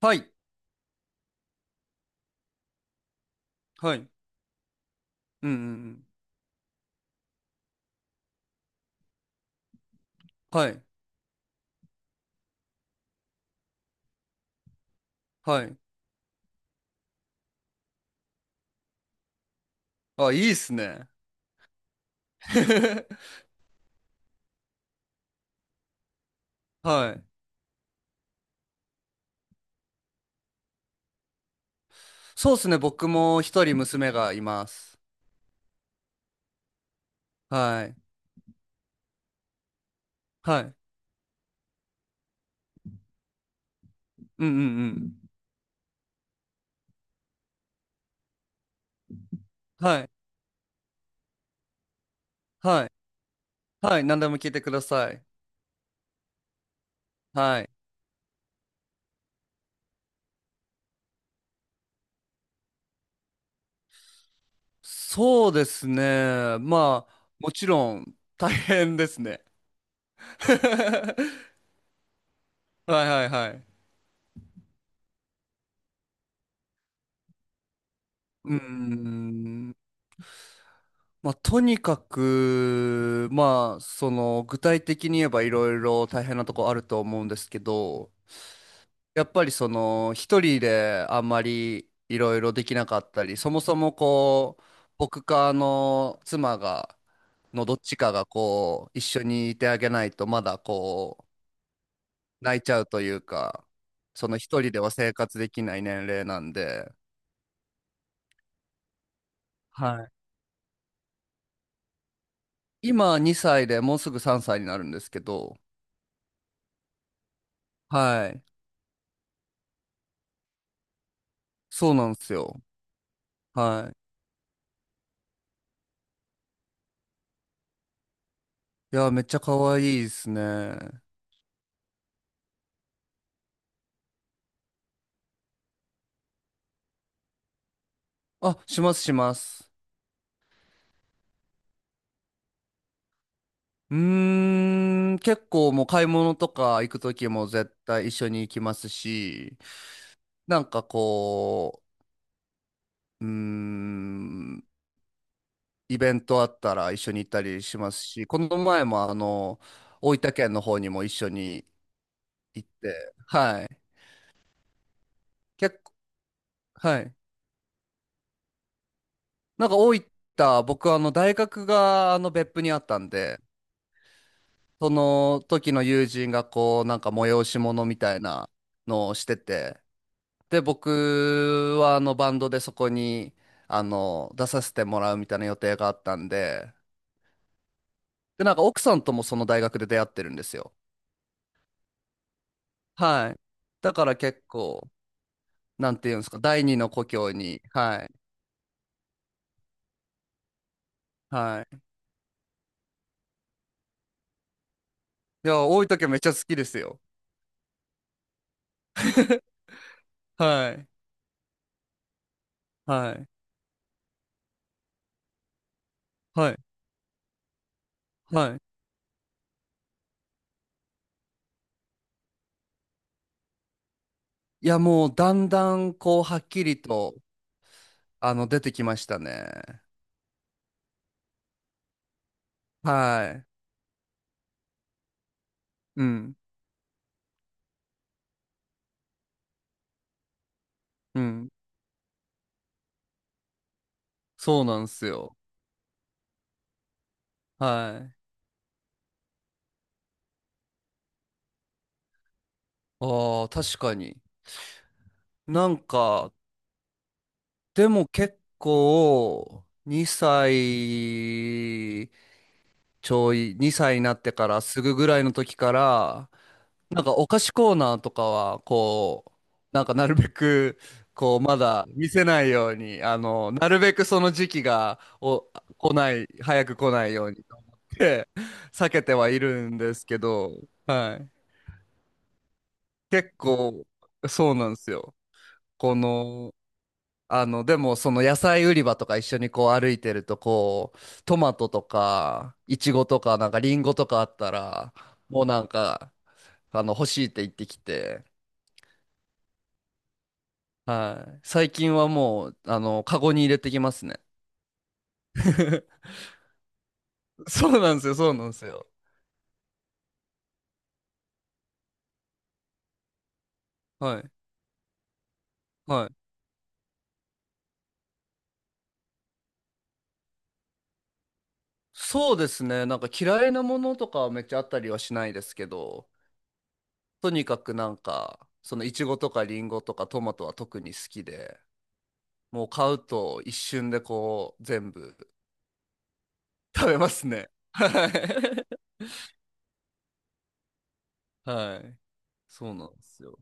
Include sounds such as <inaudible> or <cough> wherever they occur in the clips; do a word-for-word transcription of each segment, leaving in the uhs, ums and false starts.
はい。はい。うんうんうん。はい。はい。あ、いいっすね。<laughs> はい。そうっすね。僕も一人娘がいます。はい。はい。うんうんうん。はい。はい。はい。何でも聞いてください。はい。そうですね。まあ、もちろん大変ですね。<laughs> はいはいはい。うーん。まあ、とにかく、まあ、その、具体的に言えばいろいろ大変なとこあると思うんですけど、やっぱりその、一人であんまりいろいろできなかったり、そもそもこう、僕かあの妻が、のどっちかがこう、一緒にいてあげないと、まだこう、泣いちゃうというか、その一人では生活できない年齢なんで、はい。今にさいでもうすぐさんさいになるんですけど、はい。そうなんですよ。はい。いや、めっちゃ可愛いですね。あ、しますします。うーん、結構もう買い物とか行くときも絶対一緒に行きますし、なんかこう、うーん、イベントあったら一緒に行ったりしますし、この前もあの、大分県の方にも一緒に行って、はい。結構、はい。なんか大分、僕あの大学があの別府にあったんで、その時の友人がこう、なんか催し物みたいなのをしてて、で、僕はあのバンドでそこに、あの、出させてもらうみたいな予定があったんで、で、なんか奥さんともその大学で出会ってるんですよ。はい。だから結構、なんていうんですか、第二の故郷に、はい。はい。いや、多い時はめっちゃ好きですよ。<laughs> はい。はい。はい。はい。いや、もうだんだんこう、はっきりと、あの、出てきましたね。はい。うん、うん。そうなんすよ。はい。ああ、確かに。なんか、でも結構、にさいちょい、にさいになってからすぐぐらいの時から、なんかお菓子コーナーとかは、こう、なんかなるべく、こう、まだ見せないように、あの、なるべくその時期が、お、来ない、早く来ないようにって、<laughs> 避けてはいるんですけど、はい。結構、そうなんですよ。この、あの、でも、その野菜売り場とか一緒にこう歩いてると、こう、トマトとか、イチゴとか、なんかリンゴとかあったら、もうなんか、あの、欲しいって言ってきて、はい。最近はもう、あの、カゴに入れてきますね。<laughs> そうなんですよ、そうなんですよ。はい。はい。そうですね。なんか嫌いなものとかはめっちゃあったりはしないですけど、とにかくなんか、そのイチゴとかリンゴとかトマトは特に好きで、もう買うと一瞬でこう全部食べますね。はい。はい。そうなんですよ。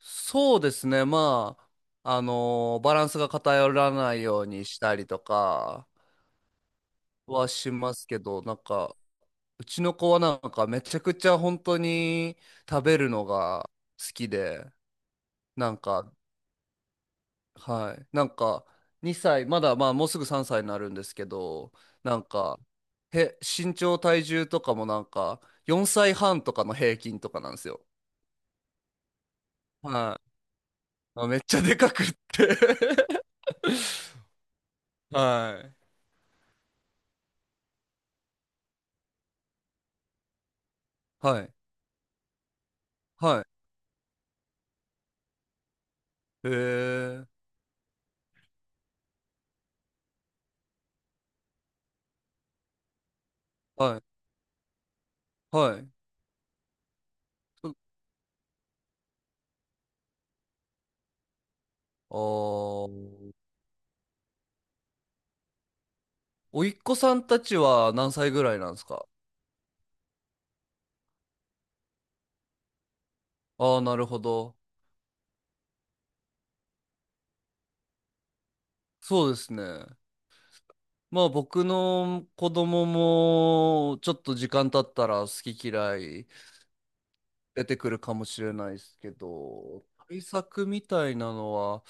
そうですね。まあ、あのーバランスが偏らないようにしたりとかはしますけど、なんか、うちの子はなんかめちゃくちゃ本当に食べるのが好きで、なんかはい。なんか、にさい、まだまあもうすぐさんさいになるんですけど、なんか、へ、身長体重とかもなんか、よんさいはんとかの平均とかなんですよ。はい。あ、めっちゃでかくって <laughs> はい。はい。はい。へえ。はい。はい。そあー。おいっ子さんたちは何歳ぐらいなんですか？ああー、なるほど。そうですね。まあ僕の子供もちょっと時間経ったら好き嫌い出てくるかもしれないですけど、対策みたいなのは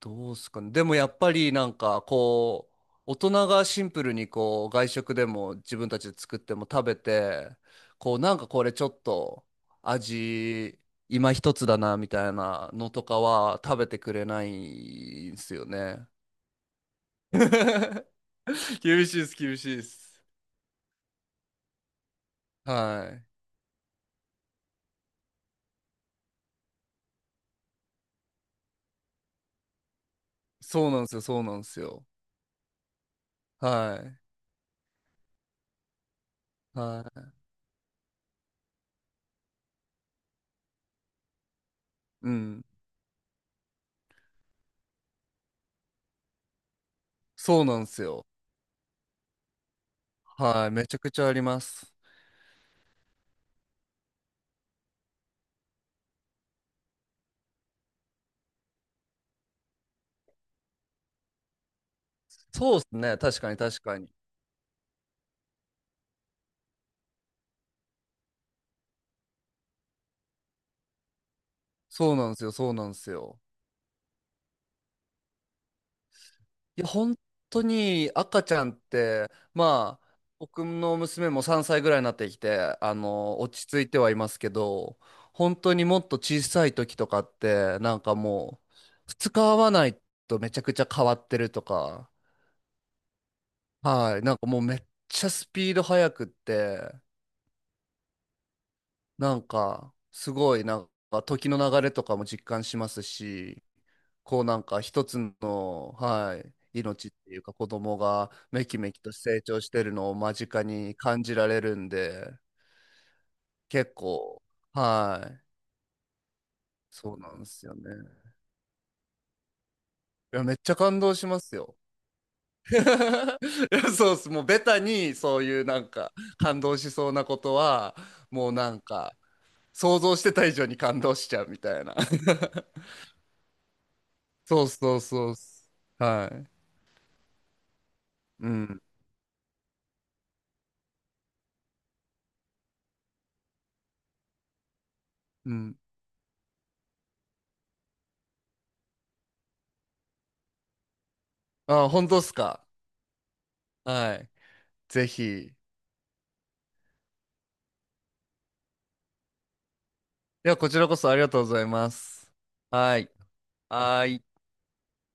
どうですかね。でもやっぱりなんかこう、大人がシンプルにこう外食でも自分たちで作っても食べて、こうなんかこれちょっと味今一つだなみたいなのとかは食べてくれないんですよね。<laughs> 厳しいです、厳しいです。はい。そうなんですよ、そうなんですよ。はい。はい。うん。そうなんですよ。はい。めちゃくちゃあります。そうですね。確かに、確かに。そうなんですよ、そうなんですよ。いや、本当に赤ちゃんって、まあ、僕の娘もさんさいぐらいになってきて、あの、落ち着いてはいますけど、本当にもっと小さい時とかって、なんかもう、二日会わないとめちゃくちゃ変わってるとか、はい。なんかもうめっちゃスピード速くって、なんかすごいなんか時の流れとかも実感しますし、こうなんか一つの、はい、命っていうか子供がめきめきと成長してるのを間近に感じられるんで、結構、はい。そうなんですよね。いや、めっちゃ感動しますよ。<laughs> いや、そうっす。もうベタにそういうなんか感動しそうなことは、もうなんか、想像してた以上に感動しちゃうみたいな。<laughs> そうそうそうっす。はい。うん。うん。あ、本当っすか？はい。ぜひ。では、こちらこそありがとうございます。はい。はい。